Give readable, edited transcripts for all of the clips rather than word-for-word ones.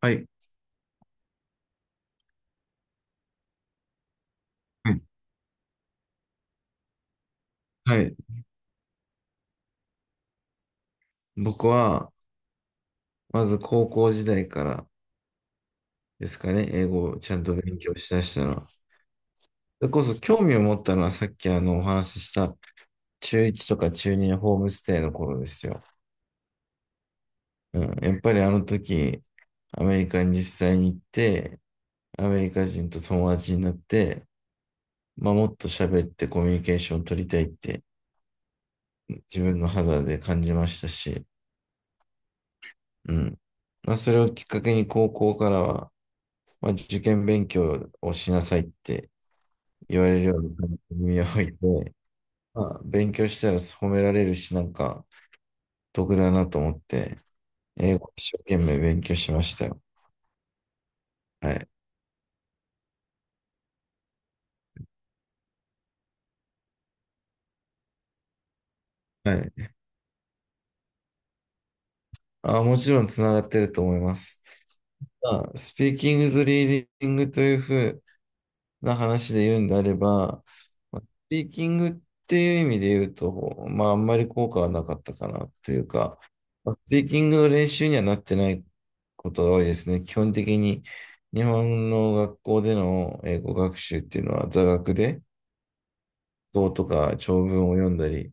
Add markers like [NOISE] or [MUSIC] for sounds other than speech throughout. はい。はいはい。僕は、まず高校時代からですかね、英語をちゃんと勉強しだしたのは。それこそ興味を持ったのはさっきお話しした中1とか中2のホームステイの頃ですよ。うん、やっぱりあの時、アメリカに実際に行って、アメリカ人と友達になって、まあ、もっと喋ってコミュニケーションを取りたいって自分の肌で感じましたし、うん。まあ、それをきっかけに高校からは、まあ、受験勉強をしなさいって言われるように耳を置いて、まあ、勉強したら褒められるし、なんか得だなと思って、英語一生懸命勉強しましたよ。はい。はい。あ、もちろんつながってると思います。まあ、スピーキングとリーディングというふうな話で言うんであれば、まあスピーキングっていう意味で言うと、まあ、あんまり効果はなかったかなというか、まあスピーキングの練習にはなってないことが多いですね。基本的に日本の学校での英語学習っていうのは座学で、語とか長文を読んだり、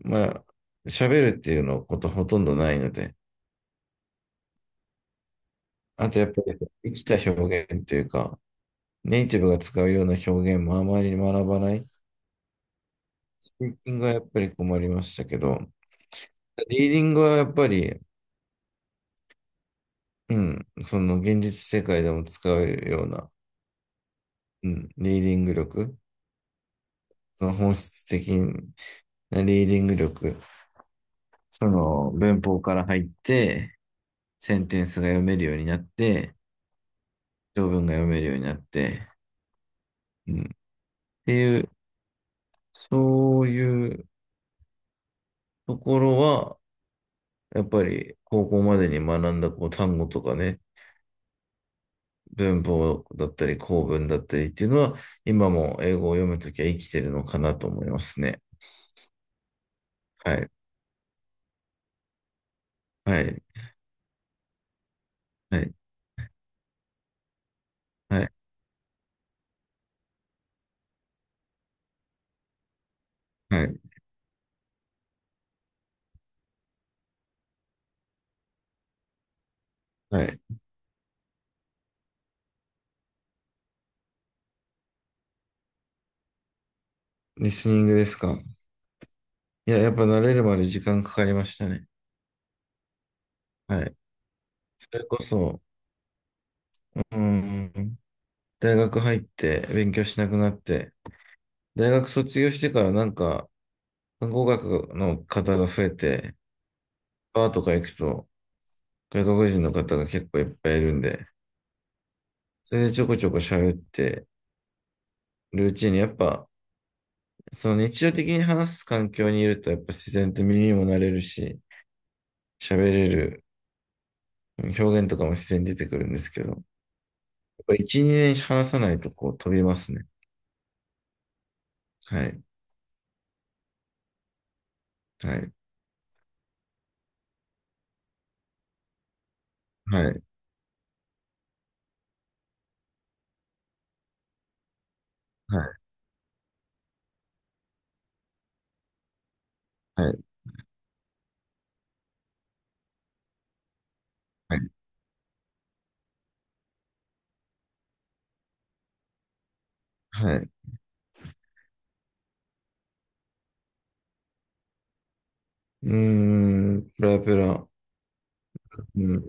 まあ、喋るっていうのことほとんどないので、あとやっぱり生きた表現というか、ネイティブが使うような表現もあまり学ばない。スピーキングはやっぱり困りましたけど、リーディングはやっぱり、うん、その現実世界でも使うような、うん、リーディング力、その本質的なリーディング力、その文法から入って、センテンスが読めるようになって、条文が読めるようになって、うん、っていう、そういうところは、やっぱり高校までに学んだこう単語とかね、文法だったり、構文だったりっていうのは、今も英語を読むときは生きてるのかなと思いますね。はい。はい。はい。はい。はい。はい。リスニングですか。いや、やっぱ慣れるまで時間かかりましたね。はい。それこそ、うーん、大学入って勉強しなくなって、大学卒業してからなんか、語学の方が増えて、バーとか行くと、外国人の方が結構いっぱいいるんで、それでちょこちょこ喋ってるうちに、やっぱ、その日常的に話す環境にいると、やっぱ自然と耳も慣れるし、喋れる表現とかも自然に出てくるんですけど、やっぱ1、2年話さないとこう飛びますね。はい。はい。はい。はい。はい。はい。はい。うーん、ペラペラ。うん。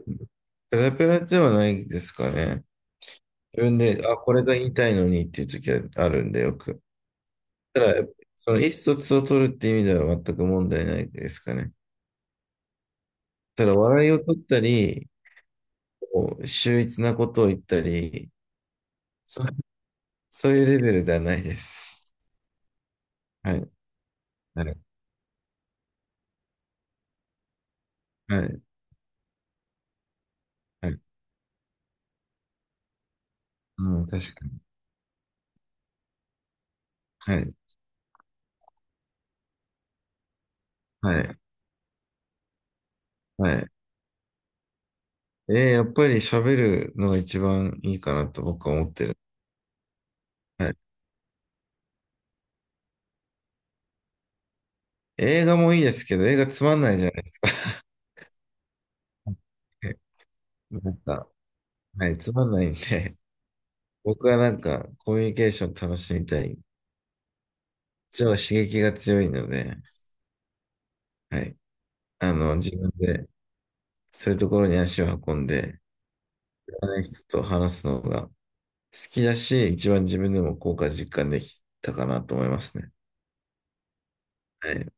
ペラペラではないですかね。自分で、あ、これが言いたいのにっていう時はあるんで、よく。ただ、その意思疎通を取るって意味では全く問題ないですかね。ただ、笑いを取ったり、こう秀逸なことを言ったり、そ、そういうレベルではないです。はい。はい。はい。はい。うん、確かに。はい。はい。はい。やっぱり喋るのが一番いいかなと僕は思ってる。はい。映画もいいですけど、映画つまんないじゃないですか。[LAUGHS] なんか、はい、つまんないんで、僕はなんかコミュニケーション楽しみたい。一応刺激が強いので、はい、あの、自分でそういうところに足を運んで、知らない人と話すのが好きだし、一番自分でも効果実感できたかなと思いますね。はい。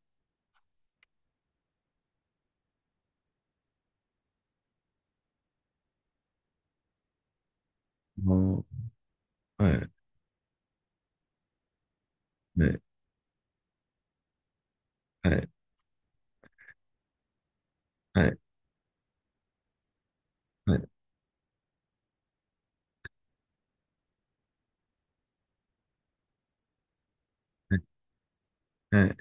もう、はい、はい、はい、はい、はい、はい、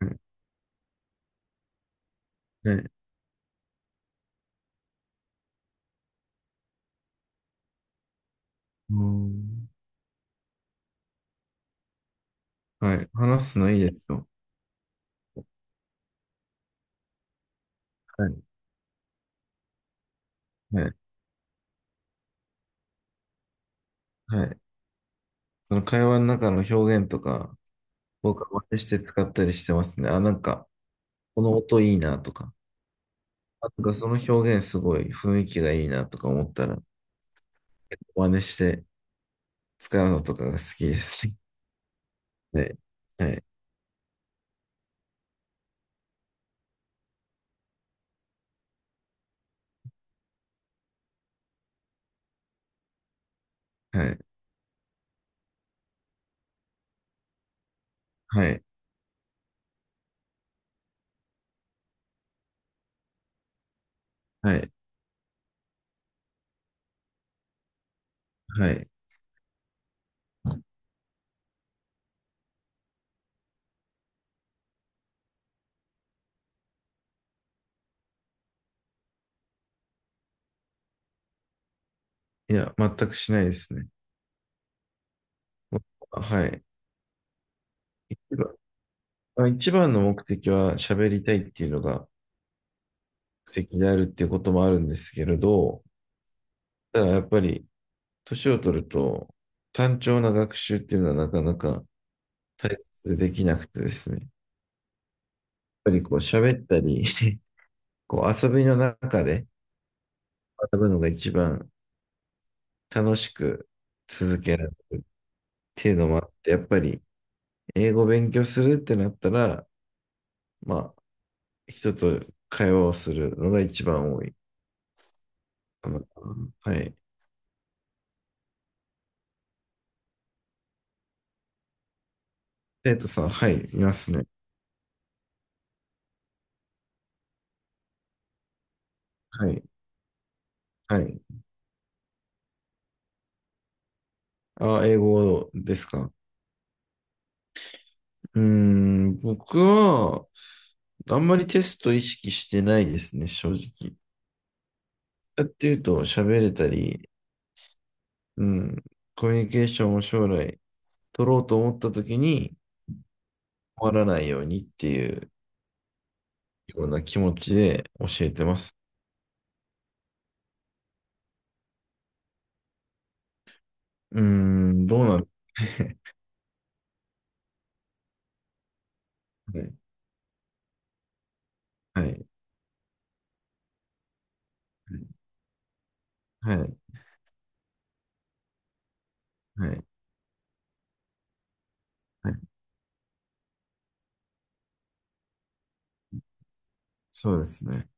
はい、はい、もうはい、話すのいいですよ。はい、はい、はい。その会話の中の表現とか、僕は真似して使ったりしてますね。あ、なんか、この音いいなとか、あなんかその表現すごい雰囲気がいいなとか思ったら、真似して使うのとかが好きですね。はい、はい、はい、はい、はい、はい。いや、全くしないですね。はい。一番、まあ一番の目的は喋りたいっていうのが目的であるっていうこともあるんですけれど、ただやっぱり年を取ると単調な学習っていうのはなかなか対切でできなくてですね。やっぱりこう喋ったり [LAUGHS] こう遊びの中で学ぶのが一番楽しく続けられるっていうのもあって、やっぱり英語を勉強するってなったら、まあ人と会話をするのが一番多い。あのはい。生徒さん、はい、いますね。はい、はい。あ、英語ですか。僕は、あんまりテスト意識してないですね、正直。やっていうと、喋れたり、うん、コミュニケーションを将来取ろうと思った時に、困らないようにっていうような気持ちで教えてます。うーん、どうなる [LAUGHS] はい、はい、はい、はい、はい。そうですね。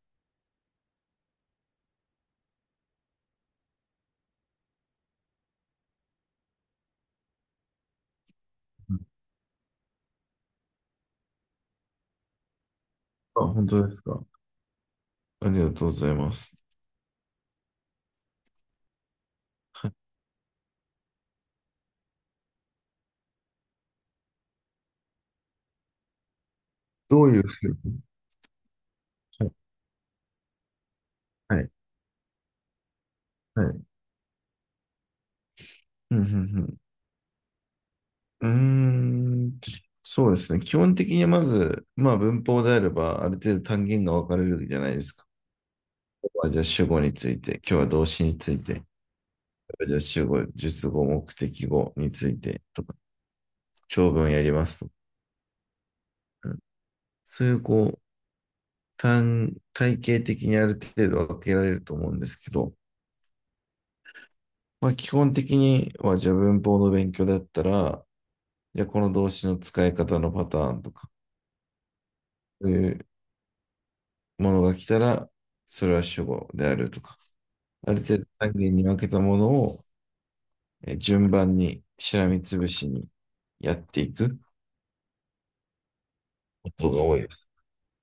あ、本当ですか。ありがとうございます。はい。どういうふうに、はい。はい。うん、うん、うん。うーん。そうですね。基本的にまず、まあ文法であれば、ある程度単元が分かれるじゃないですか。ここはじゃあ主語について、今日は動詞について、じゃあ主語、述語、目的語についてとか、長文やりますとか、うんそういうこう、体系的にある程度分けられると思うんですけど、まあ基本的にはじゃあ文法の勉強だったら、じゃあこの動詞の使い方のパターンとか、そういうものが来たら、それは主語であるとか、ある程度単元に分けたものを順番にしらみつぶしにやっていくことが多いです。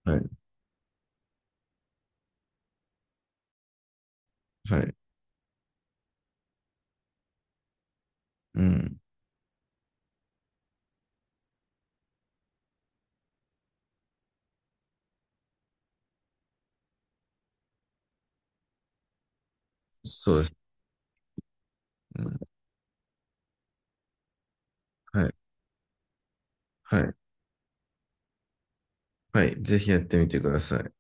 はい。はい。うん。そうです。うん、はい。はい。はい。ぜひやってみてください。